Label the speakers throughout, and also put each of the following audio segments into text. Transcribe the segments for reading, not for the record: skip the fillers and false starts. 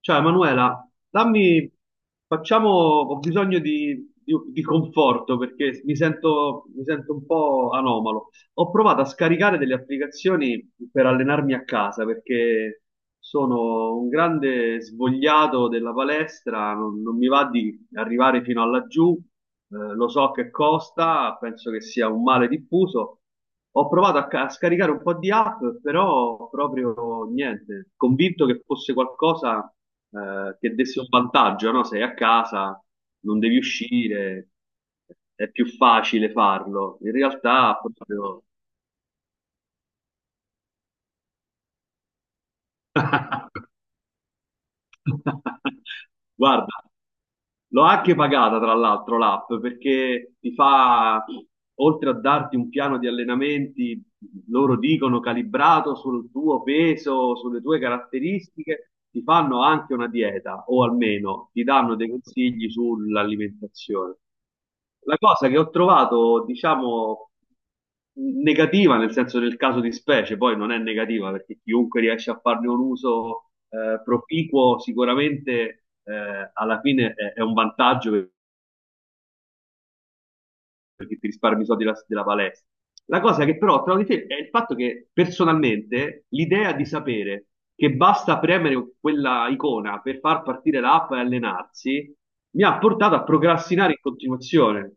Speaker 1: Ciao Emanuela, dammi, facciamo, ho bisogno di conforto perché mi sento un po' anomalo. Ho provato a scaricare delle applicazioni per allenarmi a casa perché sono un grande svogliato della palestra, non mi va di arrivare fino a laggiù. Lo so che costa, penso che sia un male diffuso. Ho provato a scaricare un po' di app, però proprio niente, convinto che fosse qualcosa che desse un vantaggio, no? Sei a casa, non devi uscire, è più facile farlo. In realtà proprio... Guarda, l'ho anche pagata tra l'altro l'app, perché ti fa, oltre a darti un piano di allenamenti, loro dicono calibrato sul tuo peso, sulle tue caratteristiche, ti fanno anche una dieta o almeno ti danno dei consigli sull'alimentazione. La cosa che ho trovato, diciamo, negativa nel senso del caso di specie, poi non è negativa perché chiunque riesce a farne un uso proficuo sicuramente, alla fine è un vantaggio perché ti risparmi i soldi della palestra. La cosa che però ho trovato di te è il fatto che personalmente l'idea di sapere che basta premere quella icona per far partire l'app e allenarsi mi ha portato a procrastinare in continuazione.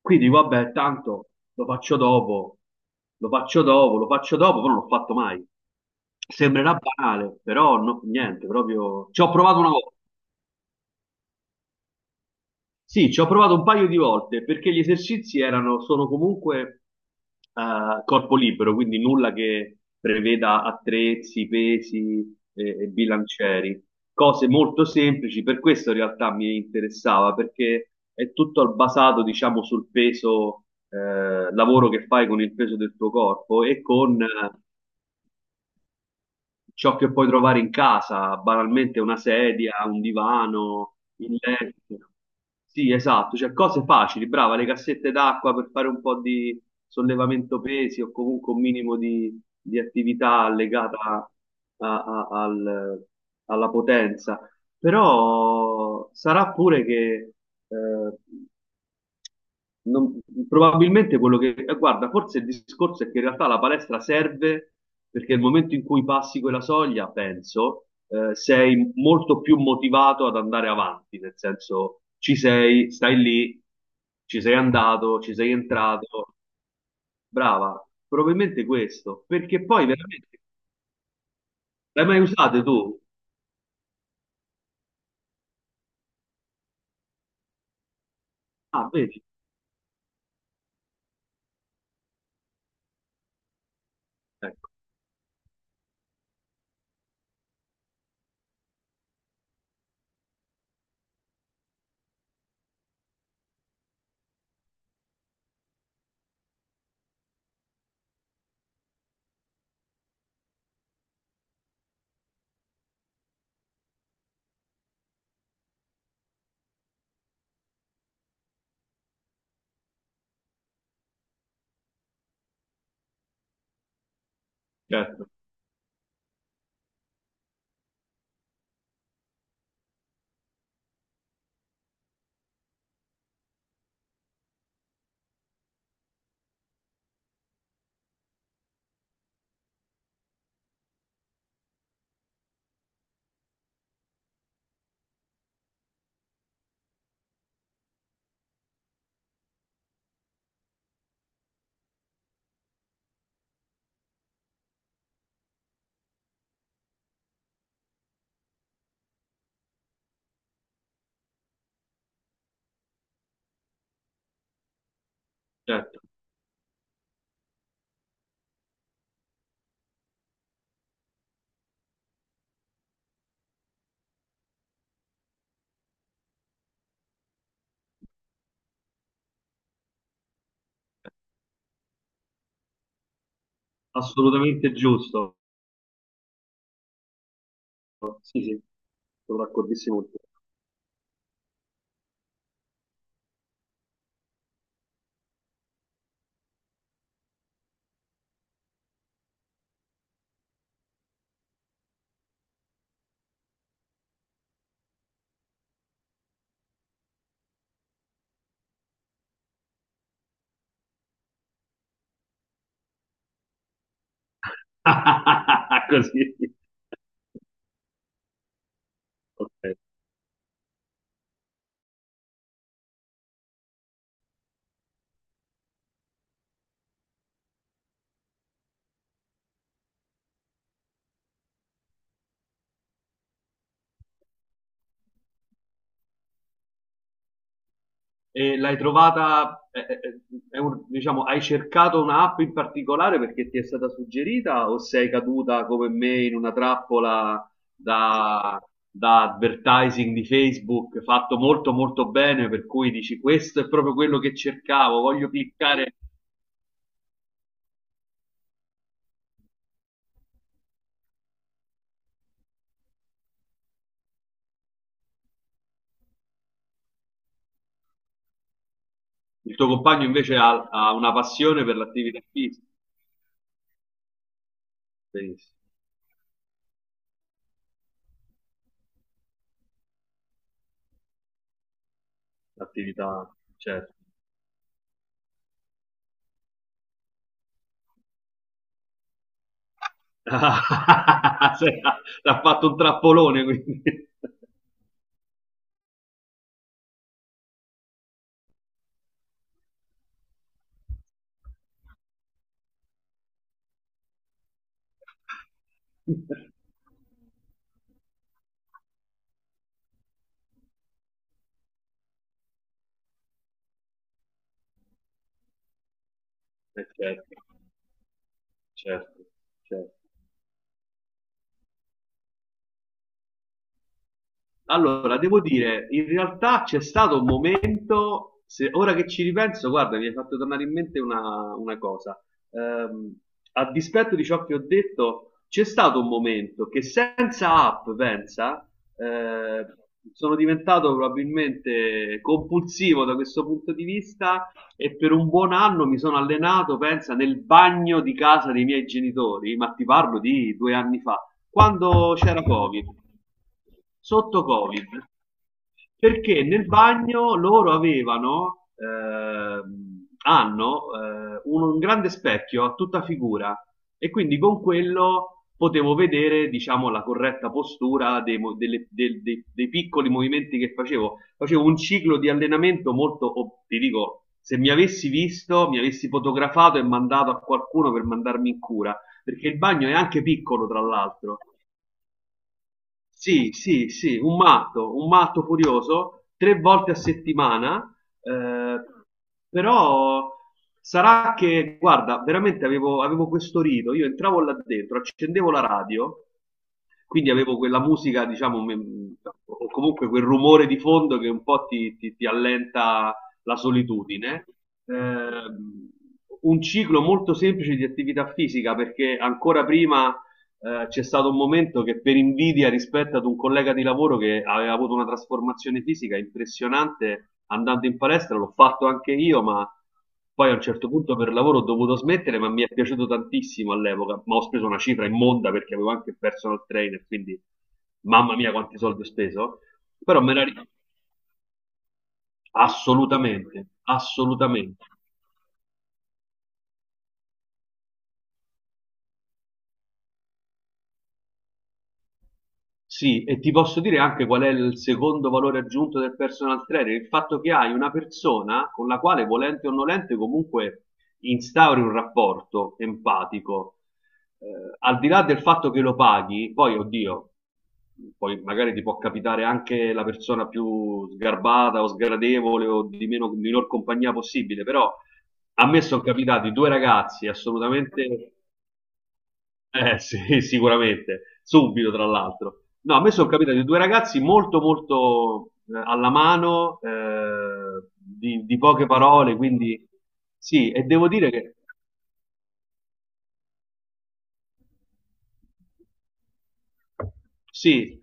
Speaker 1: Quindi, vabbè, tanto lo faccio dopo, lo faccio dopo, lo faccio dopo, però non l'ho fatto mai. Sembrerà banale, però no, niente, proprio ci ho provato una volta. Sì, ci ho provato un paio di volte perché gli esercizi erano, sono comunque corpo libero, quindi nulla che preveda attrezzi, pesi e bilancieri, cose molto semplici, per questo in realtà mi interessava perché è tutto basato, diciamo, sul peso, lavoro che fai con il peso del tuo corpo e con ciò che puoi trovare in casa, banalmente una sedia, un divano, il letto. Sì, esatto, cioè cose facili, brava, le cassette d'acqua per fare un po' di sollevamento pesi o comunque un minimo di attività legata a- al- alla potenza. Però sarà pure che eh, non- probabilmente quello che... Guarda, forse il discorso è che in realtà la palestra serve perché nel momento in cui passi quella soglia, penso, sei molto più motivato ad andare avanti, nel senso ci sei, stai lì, ci sei andato, ci sei entrato, brava, probabilmente questo, perché poi veramente... L'hai mai usate tu? Ah, vedi? Ecco, certo, certo, assolutamente giusto. Sì, sì, sono d'accordissimo con te. Così. Ok. E l'hai trovata, è un- diciamo, hai cercato un'app in particolare perché ti è stata suggerita o sei caduta come me in una trappola da, da advertising di Facebook fatto molto molto bene per cui dici questo è proprio quello che cercavo, voglio cliccare. Il tuo compagno invece ha una passione per l'attività fisica. Benissimo, l'attività, certo. Sì, ha- l'ha fatto un trappolone quindi. Certo, certo, certo. Allora, devo dire, in realtà c'è stato un momento, se- ora che ci ripenso, guarda, mi hai fatto tornare in mente una cosa. Ehm, a dispetto di ciò che ho detto, c'è stato un momento che senza app, pensa, eh, sono diventato probabilmente compulsivo da questo punto di vista e per un buon anno mi sono allenato, pensa, nel bagno di casa dei miei genitori, ma ti parlo di due anni fa quando c'era Covid, sotto Covid, perché nel bagno loro avevano, hanno un grande specchio a tutta figura e quindi con quello potevo vedere, diciamo, la corretta postura dei, mo- delle- del- dei- dei piccoli movimenti che facevo. Facevo un ciclo di allenamento molto, oh, ti dico, se mi avessi visto, mi avessi fotografato e mandato a qualcuno per mandarmi in cura, perché il bagno è anche piccolo, tra l'altro. Sì, sì, sì, un matto furioso, tre volte a settimana, eh, però sarà che, guarda, veramente avevo questo rito, io entravo là dentro, accendevo la radio, quindi avevo quella musica, diciamo, me- o comunque quel rumore di fondo che un po' ti allenta la solitudine. Ehm, un ciclo molto semplice di attività fisica, perché ancora prima c'è stato un momento che per invidia rispetto ad un collega di lavoro che aveva avuto una trasformazione fisica impressionante andando in palestra, l'ho fatto anche io, ma poi a un certo punto per lavoro ho dovuto smettere, ma mi è piaciuto tantissimo all'epoca, ma ho speso una cifra immonda perché avevo anche il personal trainer, quindi mamma mia quanti soldi ho speso, però me la ricordo assolutamente, assolutamente. Sì, e ti posso dire anche qual è il secondo valore aggiunto del personal trainer, il fatto che hai una persona con la quale, volente o nolente, comunque instauri un rapporto empatico. Eh, al di là del fatto che lo paghi, poi, oddio, poi magari ti può capitare anche la persona più sgarbata o sgradevole o di meno, minor compagnia possibile, però a me sono capitati due ragazzi assolutamente sì, sicuramente, subito tra l'altro. No, a me sono capitati due ragazzi molto molto alla mano, di poche parole, quindi sì, e devo dire che sì,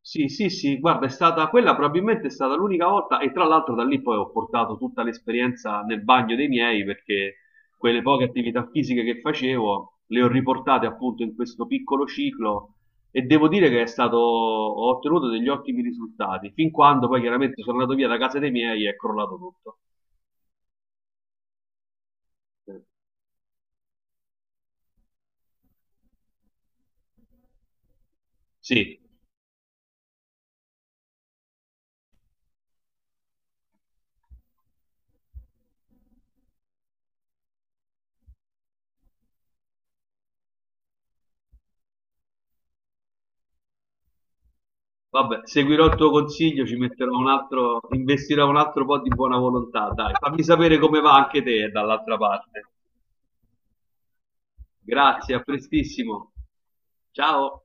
Speaker 1: sì, sì, sì, guarda, è stata quella, probabilmente è stata l'unica volta e tra l'altro da lì poi ho portato tutta l'esperienza nel bagno dei miei perché quelle poche attività fisiche che facevo le ho riportate appunto in questo piccolo ciclo e devo dire che è stato, ho ottenuto degli ottimi risultati, fin quando poi chiaramente sono andato via da casa dei miei e è crollato tutto. Eh, Sì, vabbè, seguirò il tuo consiglio, ci metterò un altro, investirò un altro po' di buona volontà, dai, fammi sapere come va anche te dall'altra parte. Grazie, a prestissimo. Ciao.